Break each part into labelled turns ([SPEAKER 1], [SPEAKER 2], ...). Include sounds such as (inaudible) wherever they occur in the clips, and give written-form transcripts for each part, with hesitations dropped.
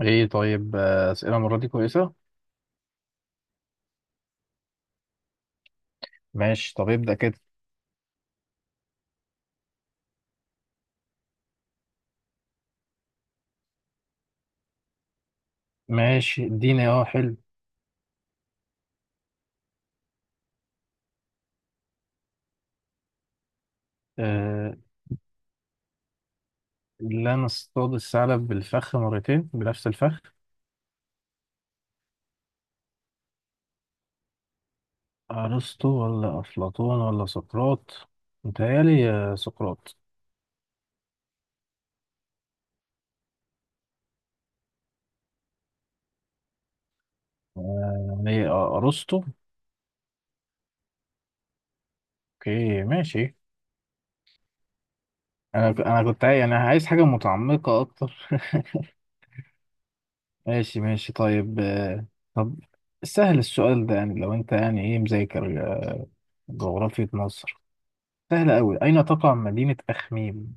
[SPEAKER 1] ايه طيب، اسئله المره دي كويسه. ماشي، طب ابدأ كده. ماشي اديني، حلو. آه، لا نصطاد الثعلب بالفخ مرتين بنفس الفخ. ارسطو ولا افلاطون ولا سقراط؟ متهيألي سقراط. آه ليه، ارسطو. اوكي ماشي. انا كنت يعني عايز حاجه متعمقه اكتر. ماشي ماشي طيب آه. طب سهل السؤال ده، يعني لو انت يعني ايه مذاكر، جغرافية مصر. سهل قوي، اين تقع مدينة اخميم؟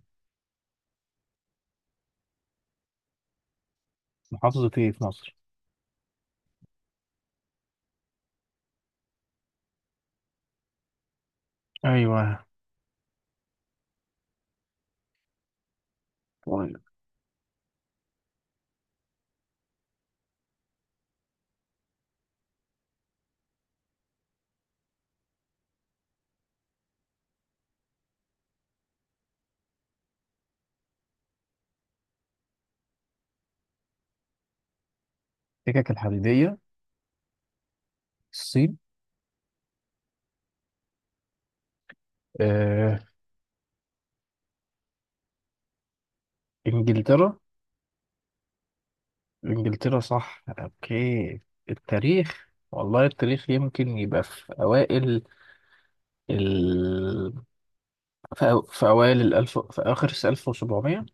[SPEAKER 1] محافظة ايه في مصر؟ ايوه طيب. السكك الحديديه؟ الصين. آه. انجلترا. انجلترا صح، اوكي. التاريخ والله التاريخ يمكن يبقى في اوائل ال... في اوائل الالف، في اخر 1700.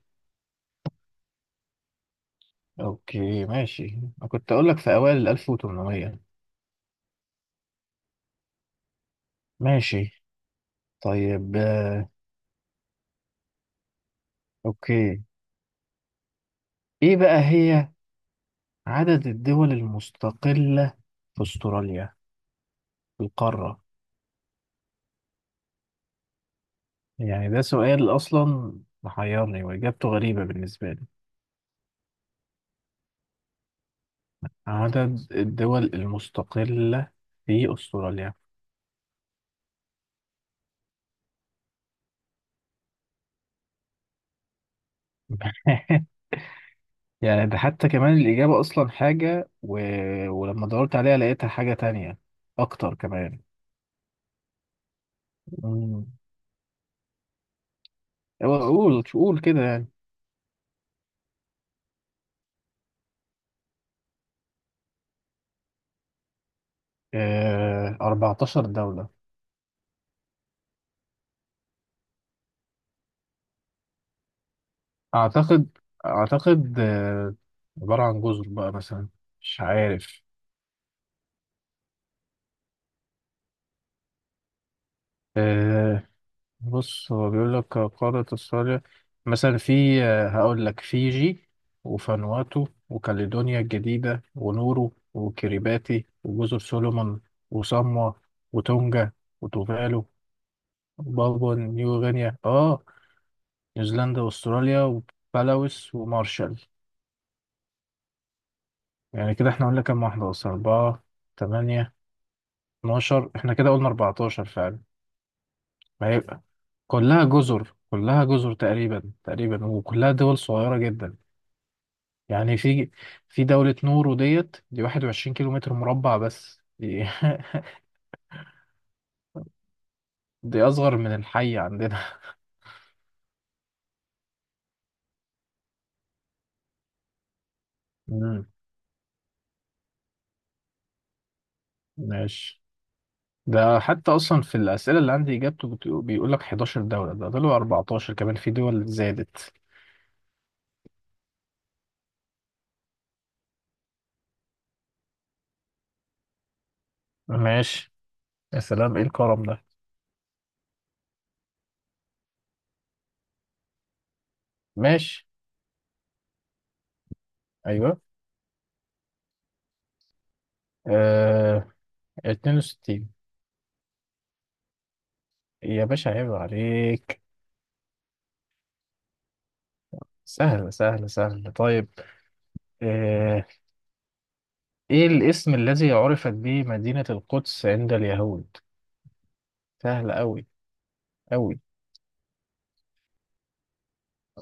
[SPEAKER 1] اوكي ماشي، انا كنت اقول لك في اوائل ال 1800. ماشي طيب اوكي. ايه بقى هي عدد الدول المستقلة في استراليا، في القارة؟ يعني ده سؤال أصلا محيرني وإجابته غريبة بالنسبة لي. عدد الدول المستقلة في أستراليا. (laughs) يعني ده حتى كمان الإجابة أصلا حاجة ولما دورت عليها لقيتها حاجة تانية أكتر كمان. مم. قول قول كده يعني. 14 دولة. أعتقد، أعتقد عبارة عن جزر بقى مثلا، مش عارف. آه، بص هو بيقول لك قادة الصالح. مثلا في، هقول لك فيجي وفانواتو وكاليدونيا الجديدة ونورو وكريباتي وجزر سولومون وصاموا وتونجا وتوفالو وبابوا نيو غينيا، نيوزيلندا واستراليا وبلاوس ومارشال. يعني كده احنا قلنا كام واحدة اصلا، أربعة، تمانية، اتناشر. احنا كده قلنا أربعتاشر فعلا. ما هي كلها جزر كلها جزر تقريبا تقريبا، وكلها دول صغيرة جدا. يعني في في دولة نورو ديت دي 21 كيلو متر مربع بس دي. (laughs) دي أصغر من الحي عندنا. مم. ماشي. ده حتى أصلا في الأسئلة اللي عندي إجابته بيقول لك 11 دولة، ده طلعوا 14 كمان، في دول زادت. ماشي. يا سلام إيه الكرم ده. ماشي. أيوه، آه... 62. يا باشا عيب عليك. سهل سهل سهل طيب. آه... إيه الاسم الذي عرفت به مدينة القدس عند اليهود؟ سهل أوي أوي.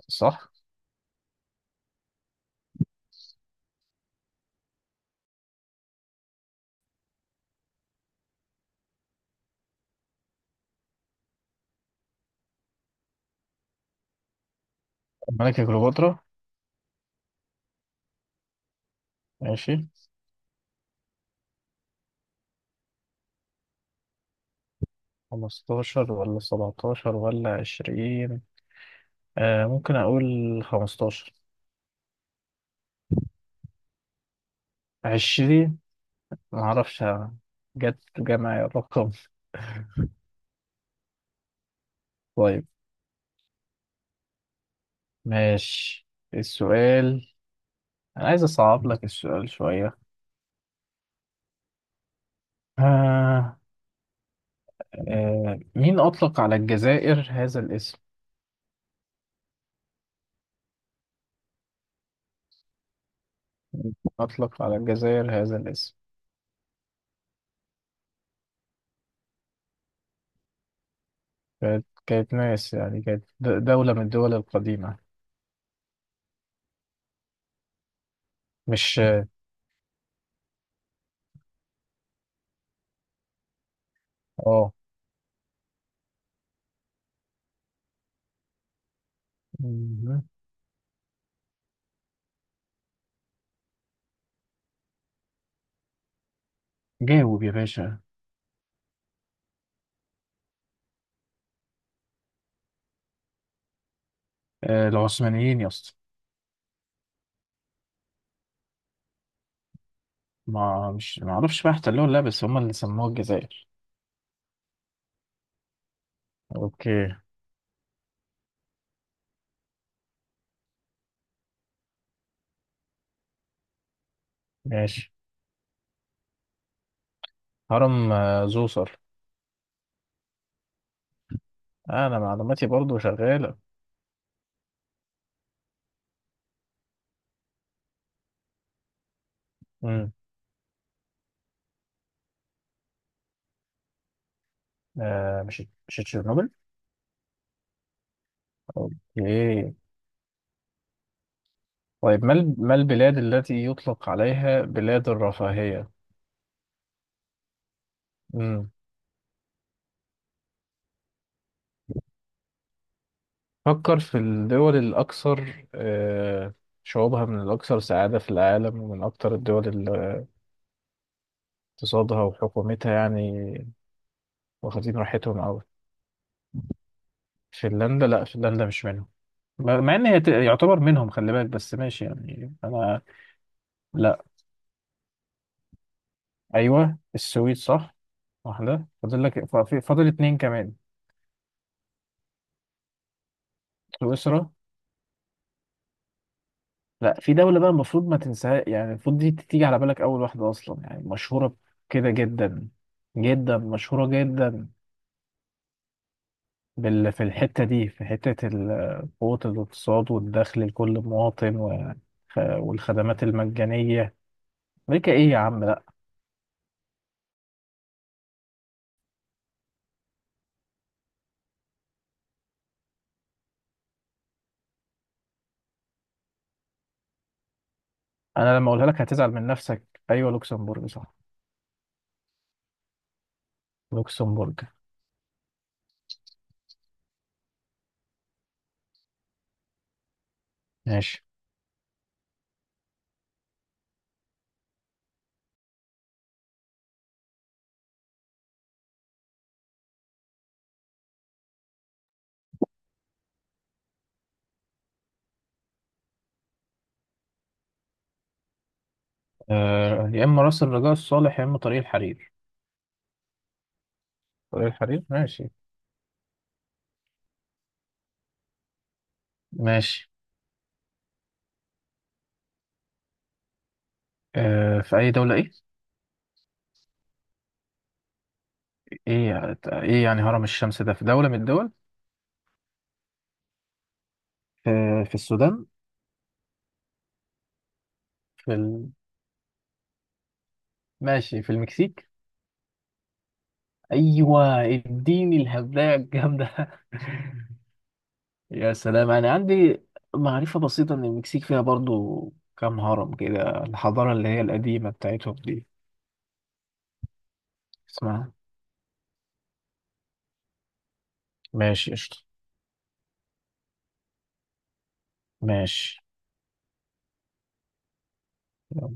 [SPEAKER 1] صح. ملكة كليوباترا؟ ماشي. 15 ولا 17 ولا 20؟ آه ممكن أقول 15. 20. معرفش، جت جمع الرقم. (laughs) طيب ماشي. السؤال: أنا عايز أصعب لك السؤال شوية. آه، مين أطلق على الجزائر هذا الاسم؟ أطلق على الجزائر هذا الاسم. كانت ناس يعني، كانت دولة من الدول القديمة. مش آه. آه. مم. جاوب يا باشا. العثمانيين يا اسطى. ما مش ما اعرفش بقى احتلوها ولا لا، بس هم اللي سموها الجزائر. اوكي. ماشي. هرم، زوسر. انا معلوماتي برضو شغاله. امم. آه مش، مش تشيرنوبل. اوكي. طيب، ما البلاد التي يطلق عليها بلاد الرفاهيه؟ امم فكر في الدول الاكثر، آه شعوبها من الاكثر سعاده في العالم، ومن اكثر الدول اللي اقتصادها وحكومتها يعني واخدين راحتهم قوي. فنلندا؟ لا فنلندا مش منهم. مع ان هي يعتبر منهم، خلي بالك، بس ماشي يعني انا. لا. ايوه السويد صح. واحده فاضل لك، فاضل اتنين كمان. سويسرا. لا، في دوله بقى المفروض ما تنساها، يعني المفروض دي تيجي على بالك اول واحده اصلا، يعني مشهوره كده جدا، جدا مشهوره جدا. في الحته دي، في حته قوه الاقتصاد والدخل لكل مواطن والخدمات المجانيه. امريكا ايه يا عم. انا لما اقولها لك هتزعل من نفسك. ايوه لوكسمبورج صح. لوكسمبورج. ماشي. يا اما راس الرجاء الصالح، يا اما طريق الحرير. طريق الحرير. ماشي. ماشي. في اي دوله ايه؟ ايه يعني، ايه يعني هرم الشمس ده في دوله من الدول؟ في، في السودان. في ال... ماشي في المكسيك. ايوه اديني الهبدايه الجامده. (laughs) يا سلام انا عندي معرفه بسيطه ان المكسيك فيها برضو كام هرم كده، الحضاره اللي هي القديمه بتاعتهم دي. اسمها. ماشي قشطة. ماشي يلا.